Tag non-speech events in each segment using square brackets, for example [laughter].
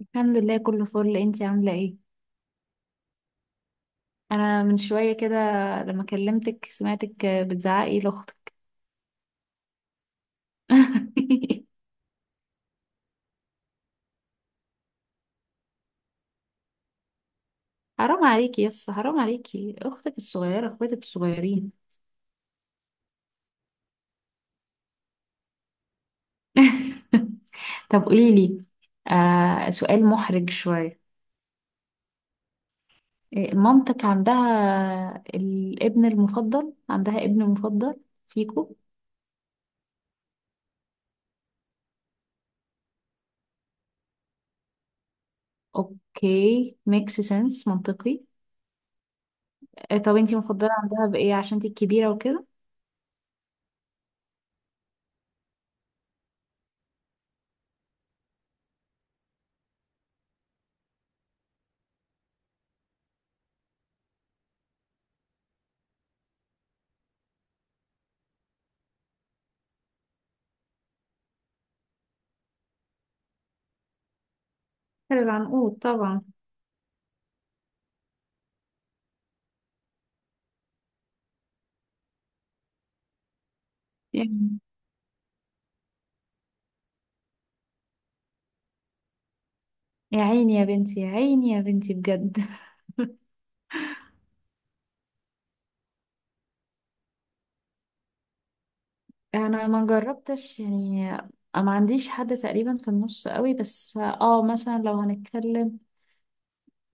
الحمد لله كله فل. انتي عاملة ايه؟ انا من شوية كده لما كلمتك سمعتك بتزعقي لاختك. [laughs] حرام عليكي يس، حرام عليكي، اختك الصغيرة اخواتك الصغيرين. [laughs] طب قوليلي، سؤال محرج شوية. إيه، مامتك عندها الابن المفضل؟ عندها ابن مفضل فيكو؟ اوكي، ميكس سنس، منطقي. طب انتي مفضلة عندها بايه عشان انتي الكبيرة وكده؟ العنقود طبعا. يا عيني يا بنتي، يا عيني يا بنتي بجد. [laughs] انا ما جربتش يعني، ما عنديش حد تقريبا في النص قوي، بس اه مثلا لو هنتكلم،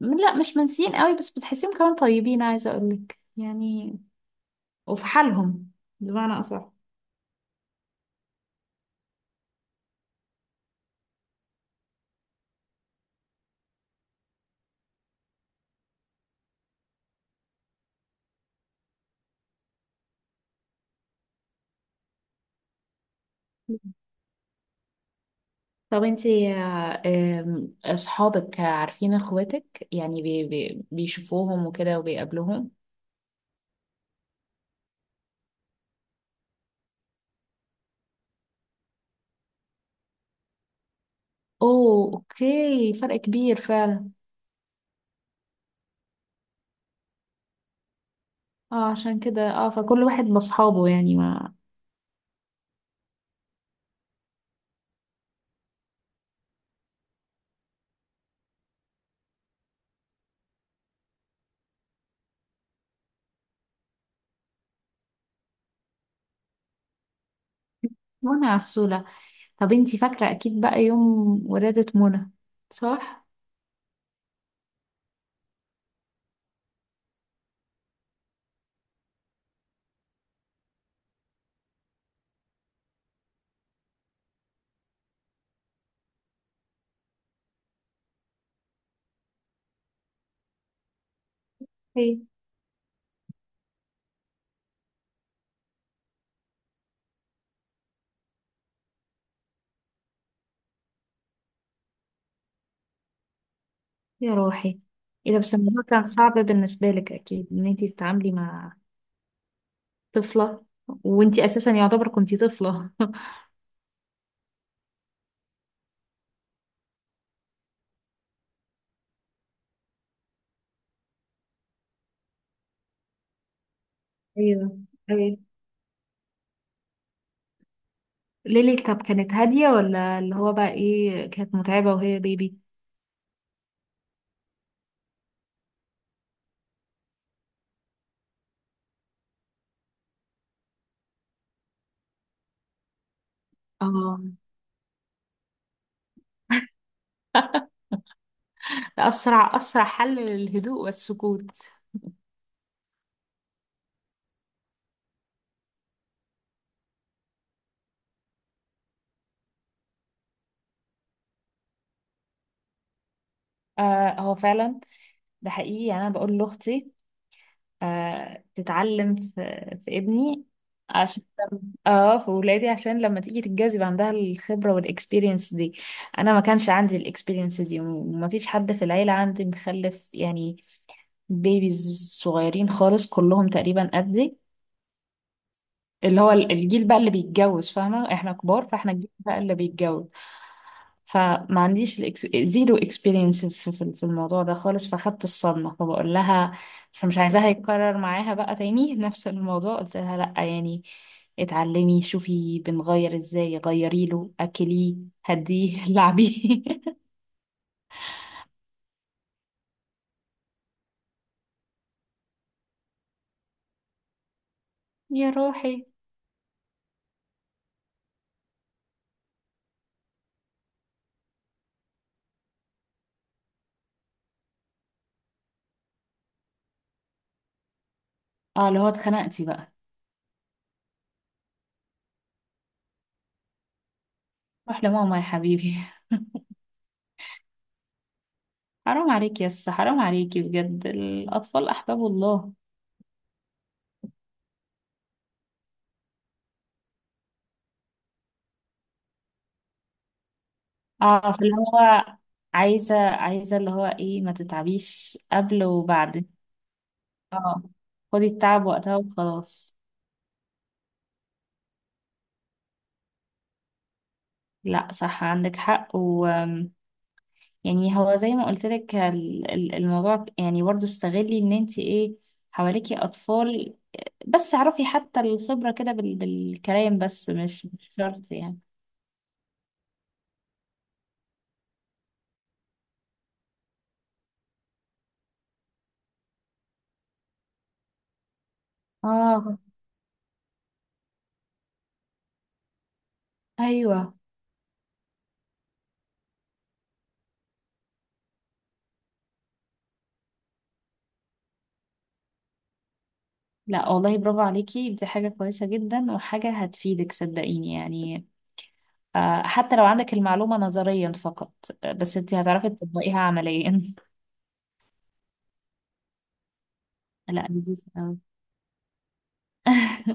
لا مش منسيين قوي بس بتحسيهم كمان طيبين، عايزه اقولك يعني، وفي حالهم، بمعنى اصح. طب انتي آه، آم، اصحابك عارفين اخواتك؟ يعني بي بيشوفوهم وكده وبيقابلوهم؟ اوه اوكي، فرق كبير فعلا. اه عشان كده، اه فكل واحد بصحابه يعني ما. وانا عسولة. طب انتي فاكرة أكيد بقى يوم ولادة منى، صح؟ ايه. يا روحي. ايه ده، بس الموضوع كان صعب بالنسبة لك أكيد إن انتي تتعاملي مع طفلة، وانتي أساسا يعتبر كنتي طفلة. [laughs] ايوه. ايوه ليلي، طب كانت هادية ولا اللي هو بقى ايه، كانت متعبة وهي بيبي؟ اه. [laughs] ده أسرع أسرع حل للهدوء والسكوت. آه هو فعلا، ده حقيقي يعني. أنا بقول لأختي، آه تتعلم في ابني، عشان اه في ولادي عشان لما تيجي تتجوز يبقى عندها الخبرة والاكسبيرينس دي. انا ما كانش عندي الاكسبيرينس دي، وما فيش حد في العيلة عندي مخلف يعني، بيبيز صغيرين خالص كلهم تقريبا قدي، اللي هو الجيل بقى اللي بيتجوز، فاهمة؟ احنا كبار، فاحنا الجيل بقى اللي بيتجوز. فما عنديش زيرو اكسبيرينس في الموضوع ده خالص، فاخدت الصدمة، فبقول لها. فمش عايزاها يتكرر معاها بقى تاني. [laughs] نفس الموضوع قلت لها لأ يعني، اتعلمي شوفي بنغير ازاي، غيري له اكليه، هديه لعبيه. [laughs] يا روحي. اه اللي هو اتخنقتي بقى. روح لماما يا حبيبي. [laughs] حرام عليكي يس، حرام عليكي بجد، الأطفال أحباب الله. اه فاللي هو، عايزة اللي هو ايه، ما تتعبيش قبل وبعد. اه خدي التعب وقتها وخلاص. لا صح، عندك حق، و يعني هو زي ما قلت لك، الموضوع يعني برضو استغلي ان انت ايه، حواليكي اطفال. بس اعرفي حتى الخبرة كده بالكلام بس، مش شرط يعني. اه ايوه. لا والله، برافو عليكي، دي حاجة كويسة جدا وحاجة هتفيدك، صدقيني يعني. آه، حتى لو عندك المعلومة نظريا فقط، آه، بس انت هتعرفي تطبقيها عمليا. [laughs] لا لذيذ أوي. [laughs]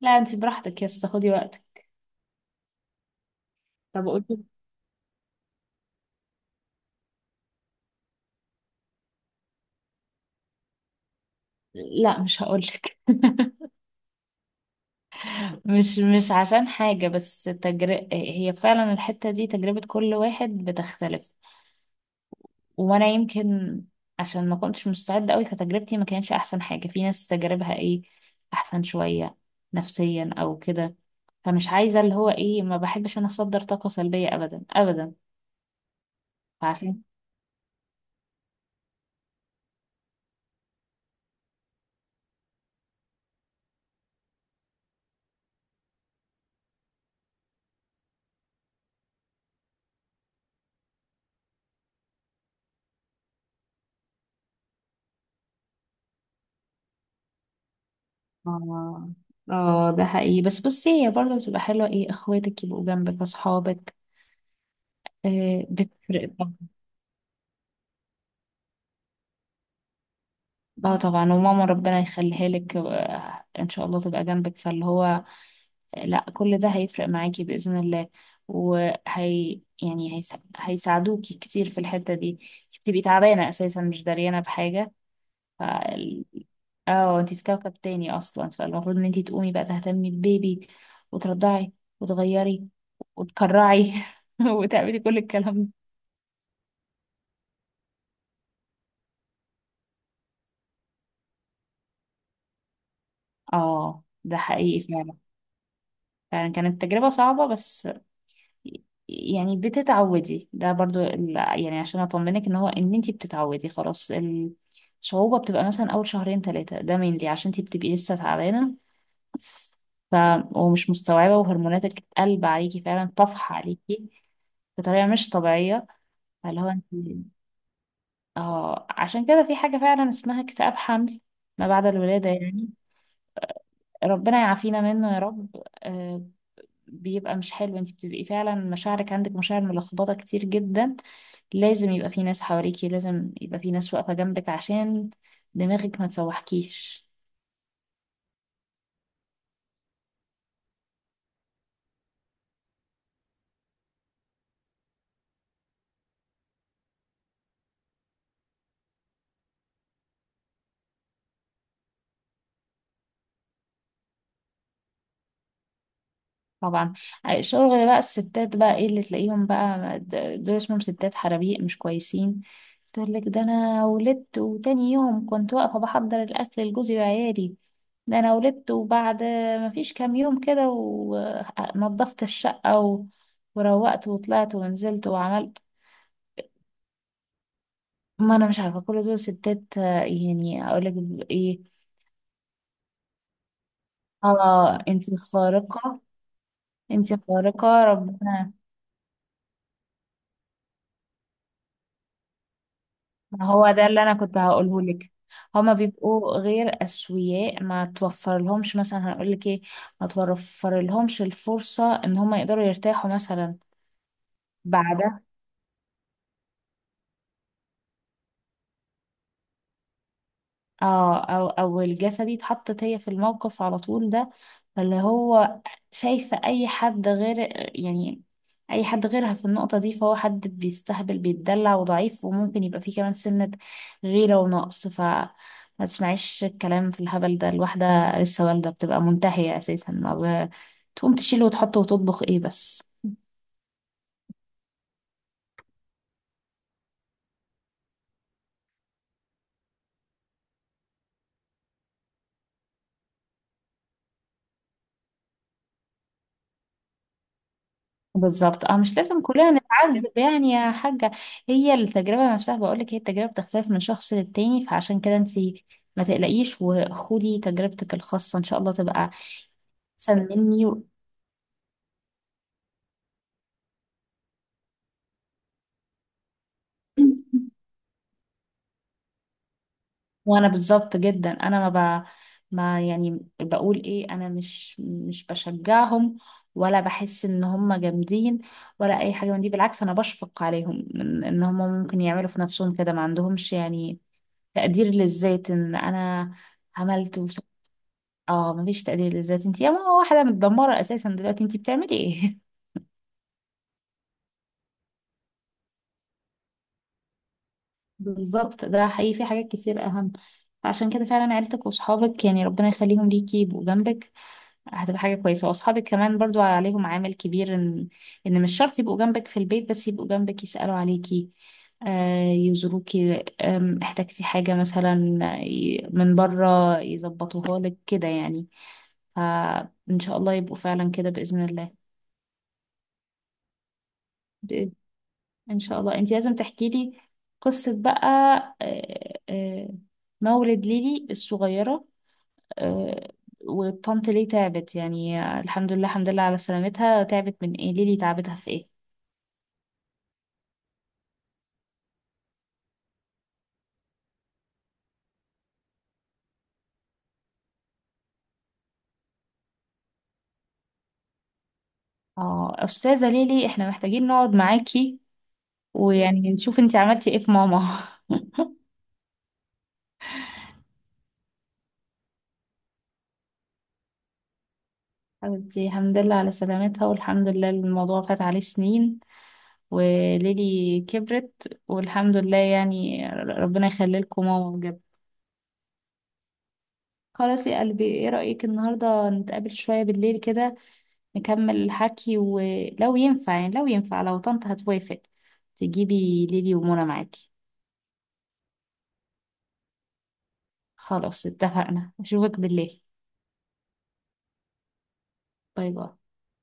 لا انت براحتك يس، خدي وقتك. طب قولي. لا مش هقولك. [laughs] مش عشان حاجة، بس هي فعلا الحتة دي تجربة كل واحد بتختلف. وانا يمكن عشان ما كنتش مستعدة قوي، فتجربتي ما كانش احسن حاجة، في ناس تجاربها ايه، احسن شوية نفسيا او كده. فمش عايزة اللي هو ايه، ما بحبش انا اصدر طاقة سلبية ابدا ابدا، عارفين. اه. اه ده حقيقي، بس بصي هي برضه بتبقى حلوة ايه، اخواتك يبقوا جنبك، اصحابك، آه بتفرق طبعا. اه طبعا، وماما ربنا يخليها لك، آه، ان شاء الله تبقى جنبك، فاللي هو لا كل ده هيفرق معاكي بإذن الله. وهي يعني هيساعدوكي كتير في الحتة دي. انت بتبقي تعبانة اساسا، مش داريانة بحاجة. ف- ال- اه انتي في كوكب تاني اصلا، فالمفروض ان انتي تقومي بقى تهتمي بالبيبي، وترضعي، وتغيري، وتكرعي، [laughs] وتعملي كل الكلام ده. اه ده حقيقي فعلا. فعلا كانت تجربة صعبة، بس يعني بتتعودي، ده برضو يعني عشان اطمنك ان هو ان انتي بتتعودي خلاص. الصعوبة بتبقى مثلا اول شهرين ثلاثة ده mainly عشان انتي بتبقي لسه تعبانة، ف ومش مستوعبة، وهرموناتك قلب عليكي فعلا، طفح عليكي بطريقة مش طبيعية. اللي هو انت، اه عشان كده في حاجة فعلا اسمها اكتئاب حمل ما بعد الولادة يعني، ربنا يعافينا منه يا رب. آه بيبقى مش حلو، انت بتبقي فعلا مشاعرك، عندك مشاعر ملخبطة كتير جدا. لازم يبقى في ناس حواليكي، لازم يبقى في ناس واقفة جنبك عشان دماغك ما تسوحكيش. طبعا. الشغل بقى الستات بقى ايه اللي تلاقيهم بقى دول اسمهم ستات حرابيق مش كويسين. تقول لك ده انا ولدت وتاني يوم كنت واقفة بحضر الاكل لجوزي وعيالي، ده انا ولدت وبعد ما فيش كام يوم كده ونظفت الشقة و... وروقت وطلعت ونزلت وعملت. ما انا مش عارفة، كل دول ستات يعني اقول لك ايه. اه انتي خارقة. انتي خارقة ربنا. ما هو ده اللي انا كنت هقوله لك، هما بيبقوا غير اسوياء، ما توفر لهمش مثلا، هنقول لك ايه، ما توفر لهمش الفرصة ان هما يقدروا يرتاحوا مثلا. بعد. اه او او الجلسه دي اتحطت هي في الموقف على طول ده، فاللي هو شايفه اي حد غير، يعني اي حد غيرها في النقطه دي فهو حد بيستهبل بيتدلع وضعيف، وممكن يبقى فيه كمان سنه غيره ونقص. ف ما تسمعيش الكلام في الهبل ده، الواحده لسه والده بتبقى منتهيه اساسا، ما ب... تقوم تشيل وتحط وتطبخ ايه بس. بالظبط. اه مش لازم كلنا [laughs] نتعذب يعني يا حاجة. هي التجربة نفسها بقولك، هي التجربة بتختلف من شخص للتاني، فعشان كده انتي ما تقلقيش وخدي تجربتك الخاصة، ان شاء الله تبقى احسن مني و... [clears throat] [laughs] وانا بالظبط جدا، انا ما يعني بقول ايه، انا مش بشجعهم، ولا بحس ان هم جامدين، ولا اي حاجة من دي، بالعكس انا بشفق عليهم ان إن هم ممكن يعملوا في نفسهم كده، ما عندهمش يعني تقدير للذات ان انا عملت وس... اه مفيش تقدير للذات. انت يا ماما واحده متدمره اساسا، دلوقتي انت بتعملي ايه؟ [laughs] بالظبط، ده حقيقي، في حاجات كتير اهم. فعشان كده فعلا عيلتك واصحابك يعني ربنا يخليهم ليكي يبقوا جنبك، هتبقى حاجه كويسه، واصحابك كمان برضو عليهم عامل كبير، ان ان مش شرط يبقوا جنبك في البيت، بس يبقوا جنبك يسالوا عليكي، آه، يزوروكي، آم، احتاجتي حاجه مثلا آه، من بره يظبطوها لك كده يعني، فإن شاء الله يبقوا فعلا كده بإذن الله. بإذن- إن شاء الله أنت لازم تحكي لي قصة بقى، آه، آه، مولد ليلي الصغيرة، آه، والطنط ليه تعبت يعني، الحمد لله الحمد لله على سلامتها، تعبت من إيه ليلي، تعبتها في إيه؟ اه أستاذة ليلي، إحنا محتاجين نقعد معاكي ويعني نشوف أنت عملتي إيه في ماما. [laughs] حبيبتي الحمد لله على سلامتها، والحمد لله الموضوع فات عليه سنين، وليلي كبرت، والحمد لله يعني ربنا يخلي لكم ماما بجد. خلاص يا قلبي، ايه رأيك النهارده نتقابل شوية بالليل كده، نكمل الحكي، ولو ينفع يعني، لو ينفع لو طنط هتوافق، تجيبي ليلي ومنى معاكي. خلاص اتفقنا، اشوفك بالليل. باي باي.